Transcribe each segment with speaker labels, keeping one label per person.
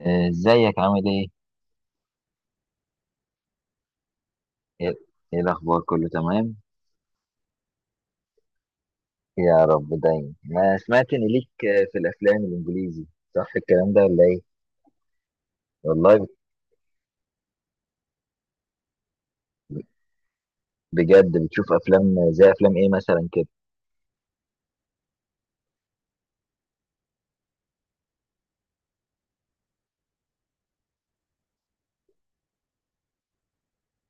Speaker 1: ازيك عامل ايه؟ ايه، إيه الاخبار كله تمام؟ يا رب دايما. انا سمعت ان ليك في الافلام الانجليزي، صح الكلام ده ولا ايه؟ والله، بجد بتشوف افلام زي افلام ايه مثلا كده؟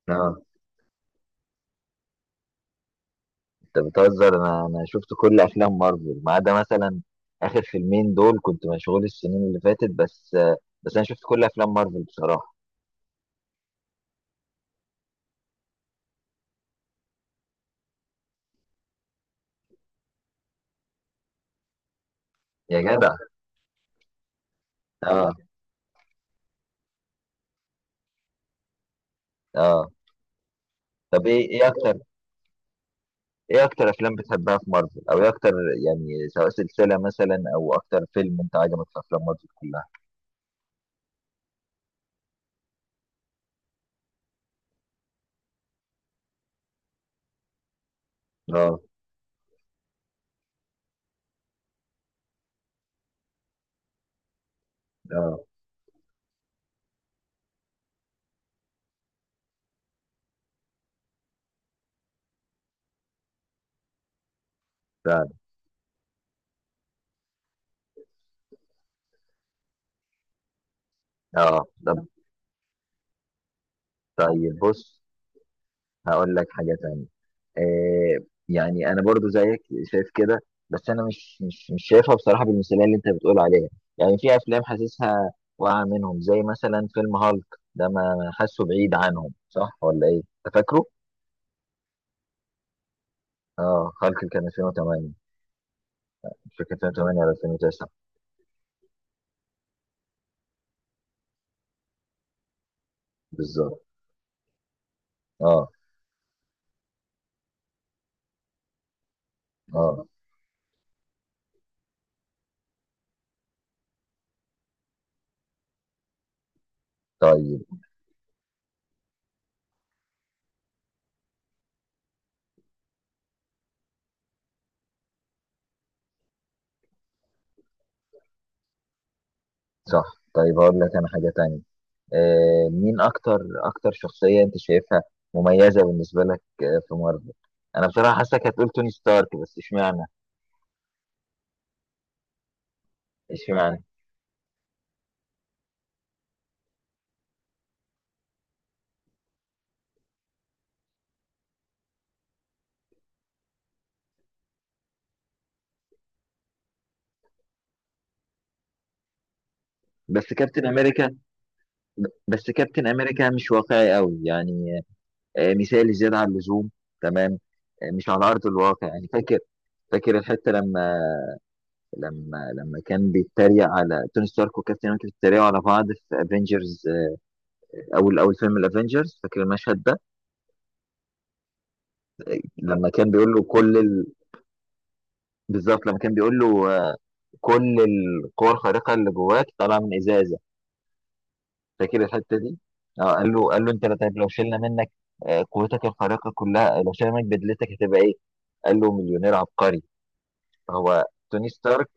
Speaker 1: اه. انت بتهزر، انا شفت كل افلام مارفل ما عدا مثلا اخر فيلمين دول، كنت مشغول السنين اللي فاتت بس، بس انا شفت كل افلام مارفل بصراحة. يا جدع. اه، اه. طب، ايه اكتر، ايه اكتر افلام بتحبها في مارفل، او ايه اكتر؟ يعني سواء سلسله مثلا او اكتر فيلم انت عجبك في افلام مارفل كلها. اه، اه. فعلا. اه. طب، طيب بص، هقول لك حاجه تانية. آه يعني انا برضو زيك، شايف كده. بس انا مش شايفها بصراحه بالمثاليه اللي انت بتقول عليها. يعني في افلام حاسسها واقعه منهم زي مثلا فيلم هالك. ده ما حاسه بعيد عنهم، صح ولا ايه؟ انت فاكره؟ اه، هالك كان 2008، مش فاكر 2008 ولا 2009. بالظبط. اه، اه، طيب. صح. طيب هقول لك انا حاجة تانية. مين اكتر، اكتر شخصية انت شايفها مميزة بالنسبة لك في مارفل؟ انا بصراحة حاسسك هتقول توني ستارك، بس اشمعنى؟ اشمعنى؟ بس كابتن امريكا، بس كابتن امريكا مش واقعي قوي يعني. مثالي زيادة عن اللزوم. تمام. مش على ارض الواقع يعني. فاكر؟ فاكر الحتة، لما لما لما كان بيتريق على توني ستارك وكابتن امريكا بيتريقوا على بعض في افنجرز، او اول فيلم الافنجرز، فاكر المشهد ده؟ لما كان بيقول له كل ال... بالظبط لما كان بيقول له، كل القوى الخارقة اللي جواك طالعة من إزازة، فاكر الحتة دي؟ اه، قال له، أنت طيب لو شلنا منك قوتك الخارقة كلها، لو شلنا منك بدلتك هتبقى إيه؟ قال له مليونير عبقري. هو توني ستارك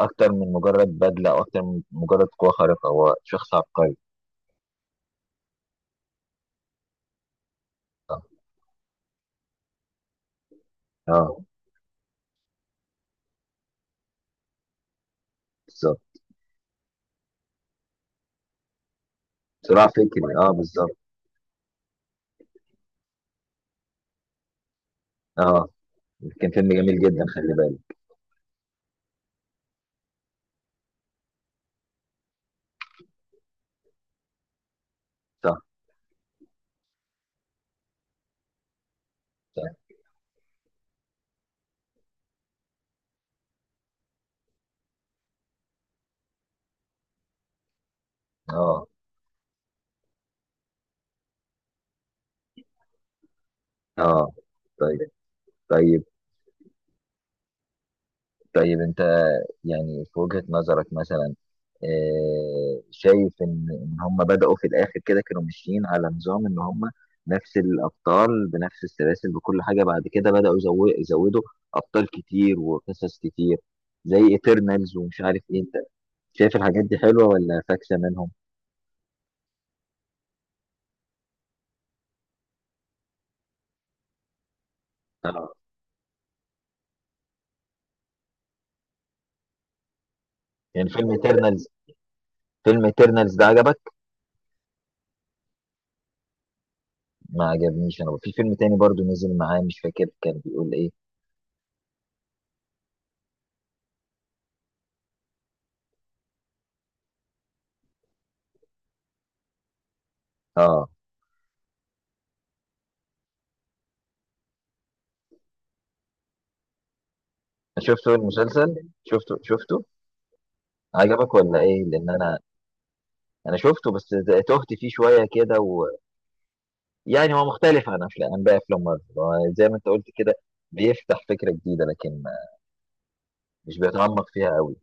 Speaker 1: أكتر من مجرد بدلة، أو أكتر من مجرد قوة خارقة، هو شخص عبقري. اه. آه، بالظبط. صراع فكري، اه، بالظبط. اه، كان فيلم جميل جدا، خلي بالك. صح، صح. اه، اه، طيب، طيب، طيب انت يعني في وجهة نظرك مثلا، شايف ان هم بدأوا في الاخر كده كانوا ماشيين على نظام ان هم نفس الابطال بنفس السلاسل بكل حاجة، بعد كده بدأوا يزودوا ابطال كتير وقصص كتير زي ايترنالز ومش عارف ايه، انت شايف الحاجات دي حلوة ولا فاكسة منهم؟ اه، يعني فيلم ايترنالز ده عجبك؟ ما عجبنيش، انا في فيلم تاني برضو نزل معاه مش فاكر كان بيقول ايه. اه. شفته المسلسل، شفته، شفته. عجبك ولا ايه؟ لان انا، شفته بس تهت فيه شويه كده. ويعني هو مختلف عن باقي افلام مارفل، هو زي ما انت قلت كده بيفتح فكره جديده لكن مش بيتعمق فيها قوي.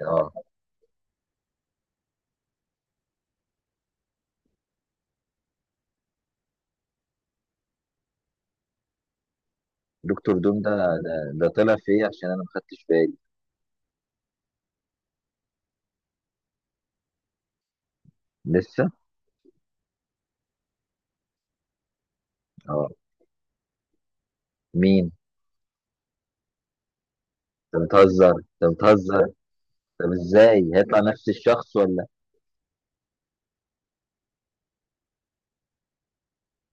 Speaker 1: اه. دكتور دوم ده، ده, ده طلع في ايه؟ عشان انا ما خدتش بالي. لسه؟ اه. مين؟ انت بتهزر، انت بتهزر. طب ازاي هيطلع نفس الشخص ولا؟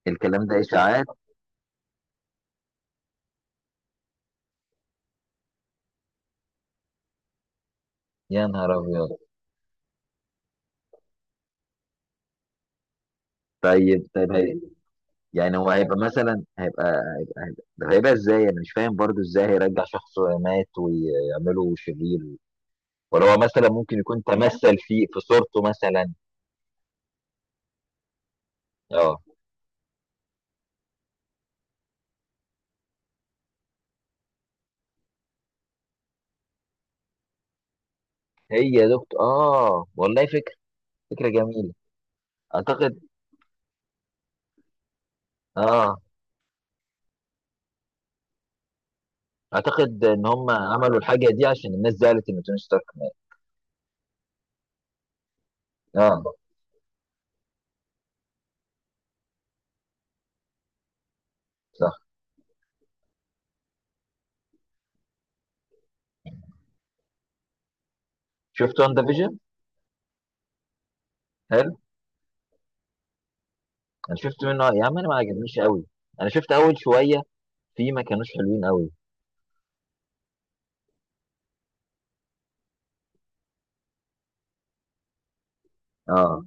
Speaker 1: الكلام ده اشاعات، يا نهار ابيض. طيب، طيب، يعني هو هيبقى مثلا طب هيبقى ازاي؟ انا مش فاهم برضو ازاي هيرجع شخص مات ويعمله شرير؟ ولا هو مثلا ممكن يكون تمثل في صورته مثلا؟ اه، هي يا دكتور، اه، والله فكرة. فكرة جميلة. اعتقد. اه، اعتقد ان هم عملوا الحاجة دي عشان الناس زعلت ان توني ستارك مات. اه، صح. شفت وان فيجن؟ حلو. انا شفت منه يا عم، انا ما عجبنيش قوي، انا شفت اول شوية، في ما كانوش حلوين قوي. اه،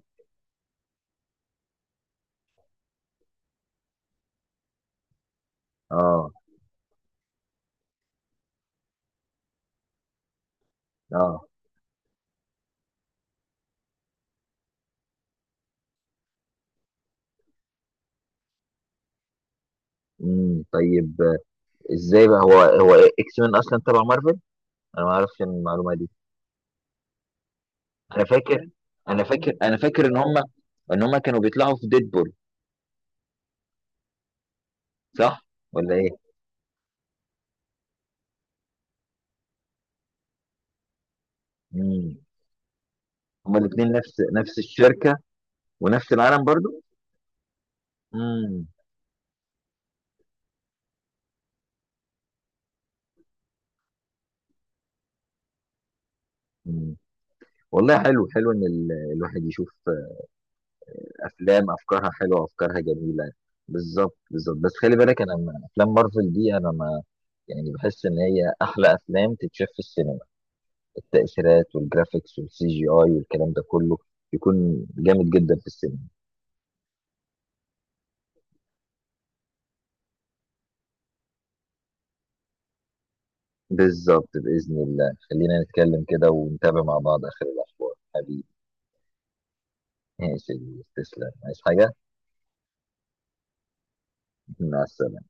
Speaker 1: اه، اه. امم، طيب، ازاي بقى هو، هو اكس مان اصلا تبع مارفل؟ انا ما اعرفش المعلومه دي. انا فاكر انا فاكر انا فاكر ان هم كانوا بيطلعوا في ديدبول، صح ولا ايه؟ امم. هما الاثنين نفس الشركه ونفس العالم برضو؟ امم. أمم. والله حلو، حلو ان الواحد يشوف افلام افكارها حلوه وافكارها جميله. بالظبط، بالظبط، بس خلي بالك، انا افلام مارفل دي، انا ما يعني، بحس ان هي احلى افلام تتشاف في السينما. التأثيرات والجرافيكس والسي جي اي والكلام ده كله يكون جامد جدا في السينما. بالظبط، بإذن الله خلينا نتكلم كده ونتابع مع بعض آخر الأخبار، حبيبي. ماشي يا كبير، تسلم. عايز حاجة؟ مع السلامة.